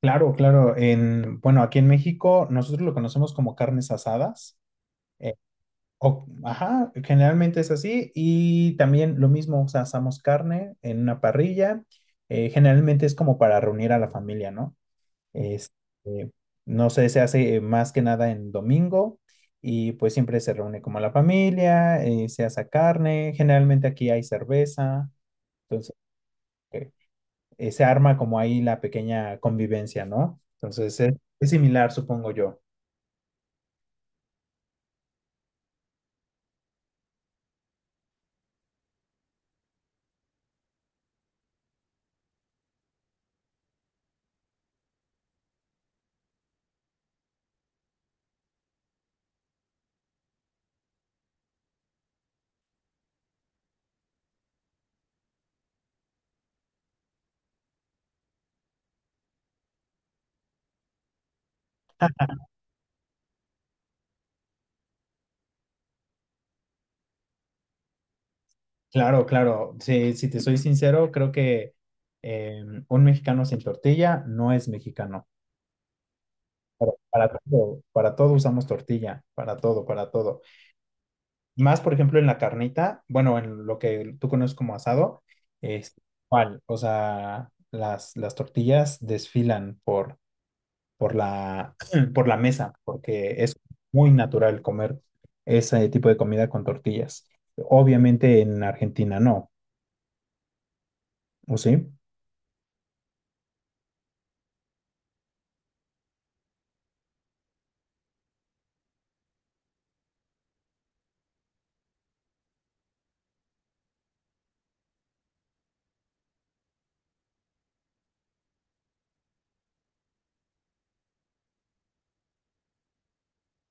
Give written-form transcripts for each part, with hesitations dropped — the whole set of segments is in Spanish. Claro, claro. Aquí en México nosotros lo conocemos como carnes asadas. eh, ajá, generalmente es así. Y también lo mismo, o sea, asamos carne en una parrilla. Generalmente es como para reunir a la familia, ¿no? Es, eh, no sé, se hace más que nada en domingo y pues siempre se reúne como la familia, se hace carne. Generalmente aquí hay cerveza. Entonces se arma como ahí la pequeña convivencia, ¿no? Es similar, supongo yo. Claro, claro, sí, si te soy sincero, creo que un mexicano sin tortilla no es mexicano. Para todo usamos tortilla, para todo, para todo. Más, por ejemplo, en la carnita, bueno, en lo que tú conoces como asado, es igual, o sea, las tortillas desfilan por la, por la mesa, porque es muy natural comer ese tipo de comida con tortillas. Obviamente en Argentina no, ¿o sí?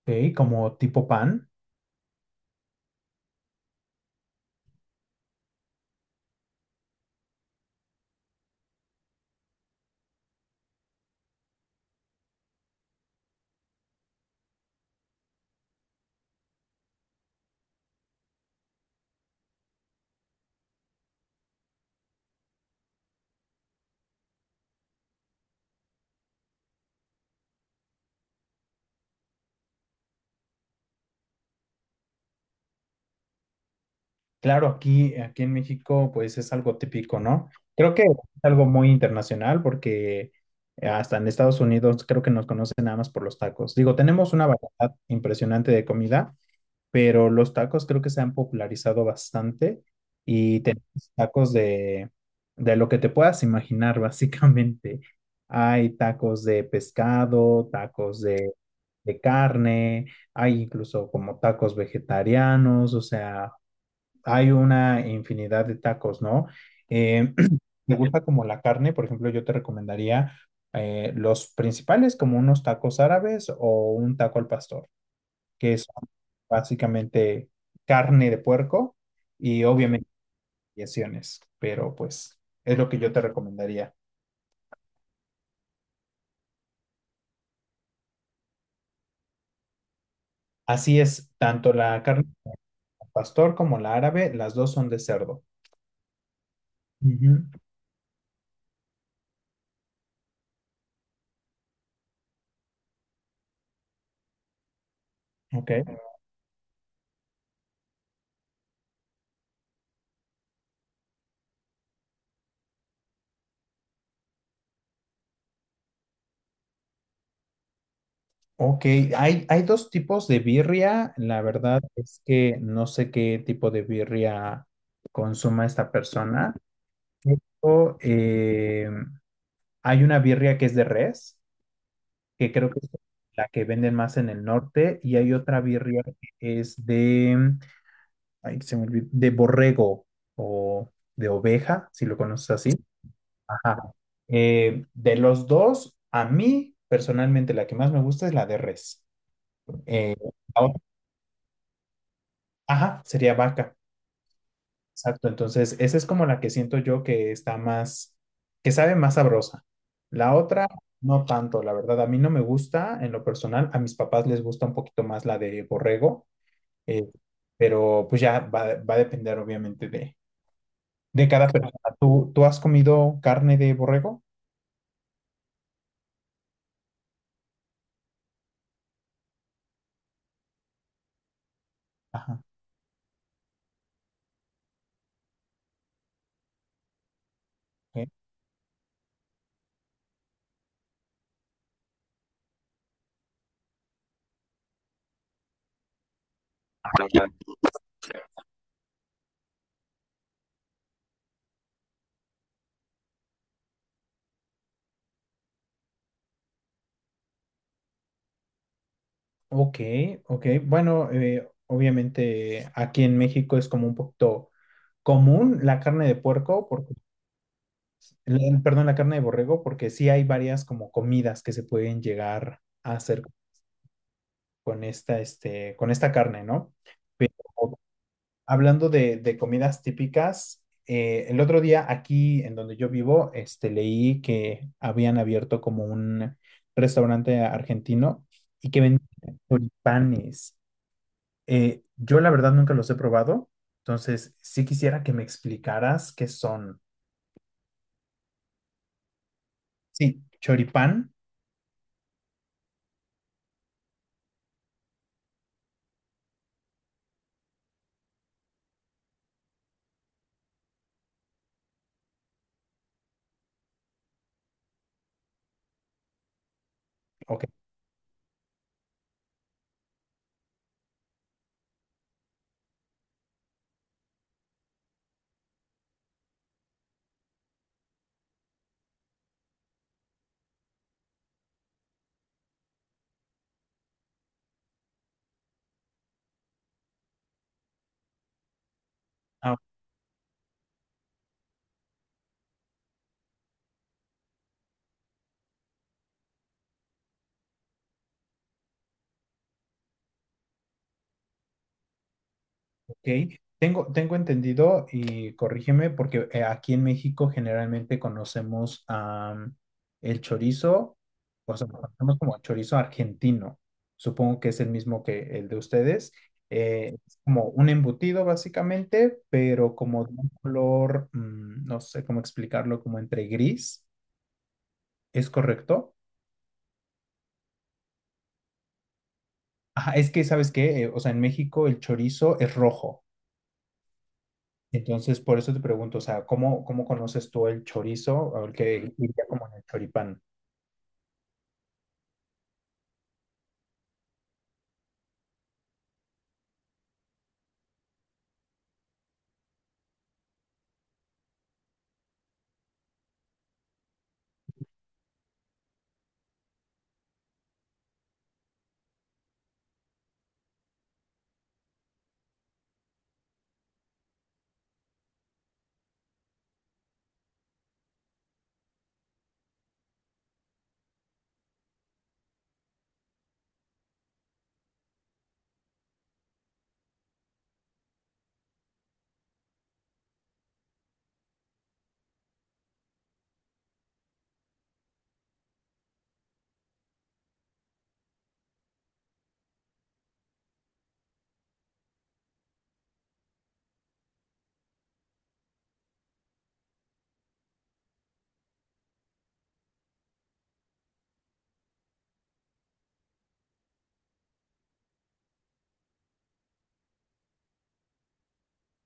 Sí, como tipo pan. Claro, aquí, aquí en México pues es algo típico, ¿no? Creo que es algo muy internacional porque hasta en Estados Unidos creo que nos conocen nada más por los tacos. Digo, tenemos una variedad impresionante de comida, pero los tacos creo que se han popularizado bastante y tenemos tacos de lo que te puedas imaginar, básicamente. Hay tacos de pescado, tacos de carne, hay incluso como tacos vegetarianos, o sea, hay una infinidad de tacos, ¿no? Eh, ¿Te gusta como la carne? Por ejemplo, yo te recomendaría los principales como unos tacos árabes o un taco al pastor que son básicamente carne de puerco y obviamente variaciones, pero pues es lo que yo te recomendaría. Así es, tanto la carne al pastor como la árabe, las dos son de cerdo. Ujú. Ok, ok. Hay dos tipos de birria. La verdad es que no sé qué tipo de birria consuma esta persona. Pero, eh, Hay una birria que es de res que creo que es la que venden más en el norte, y hay otra birria que es ay, se me olvidó, de borrego o de oveja, si lo conoces así. Ajá. De los dos, a mí personalmente la que más me gusta es la de res. Eh, la otra- ajá, sería vaca. Exacto, entonces esa es como la que siento yo que está más, que sabe más sabrosa. La otra, no tanto, la verdad, a mí no me gusta en lo personal, a mis papás les gusta un poquito más la de borrego. Eh, pero pues ya va, va a depender obviamente de cada persona. ¿Tú, tú has comido carne de borrego? Ajá. Ok, ok. Ok. Bueno, obviamente aquí en México es como un poquito común la carne de puerco, porque, perdón, la carne de borrego, porque sí hay varias como comidas que se pueden llegar a hacer con esta, este, con esta carne, ¿no? Pero Hablando de comidas típicas, el otro día aquí en donde yo vivo, este, leí que habían abierto como un restaurante argentino y que vendían choripanes. Yo la verdad nunca los he probado, entonces sí quisiera que me explicaras qué son. Sí, choripán. Ok. Ok, tengo, tengo entendido y corrígeme porque aquí en México generalmente conocemos am, el chorizo, o sea, lo conocemos como chorizo argentino. Supongo que es el mismo que el de ustedes. Es como un embutido básicamente, pero como de un color, no sé cómo explicarlo, como entre gris, ¿es correcto? Ajá, es que, ¿sabes qué? O sea, en México el chorizo es rojo. Entonces, por eso te pregunto, o sea, ¿cómo, cómo conoces tú el chorizo o el que iría como en el choripán?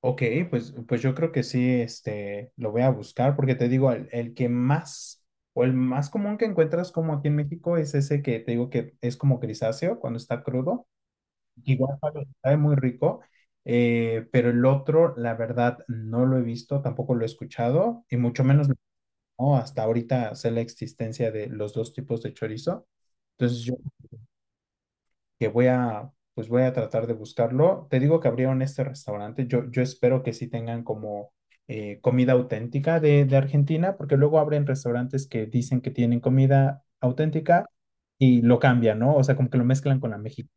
Ok, pues, pues yo creo que sí, este, lo voy a buscar porque te digo, el que más o el más común que encuentras como aquí en México es ese que te digo que es como grisáceo cuando está crudo. Igual sabe sabe muy rico, pero el otro, la verdad, no lo he visto, tampoco lo he escuchado y mucho menos no, hasta ahorita sé la existencia de los dos tipos de chorizo. Entonces, yo que voy a, pues voy a tratar de buscarlo. Te digo que abrieron este restaurante. Yo espero que sí tengan como comida auténtica de Argentina, porque luego abren restaurantes que dicen que tienen comida auténtica y lo cambian, ¿no? O sea, como que lo mezclan con la México.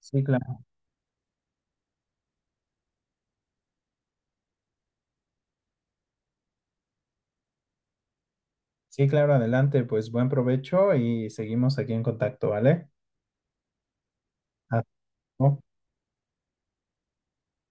Sí, claro. Sí, claro, adelante. Pues buen provecho y seguimos aquí en contacto, ¿vale? Hasta luego.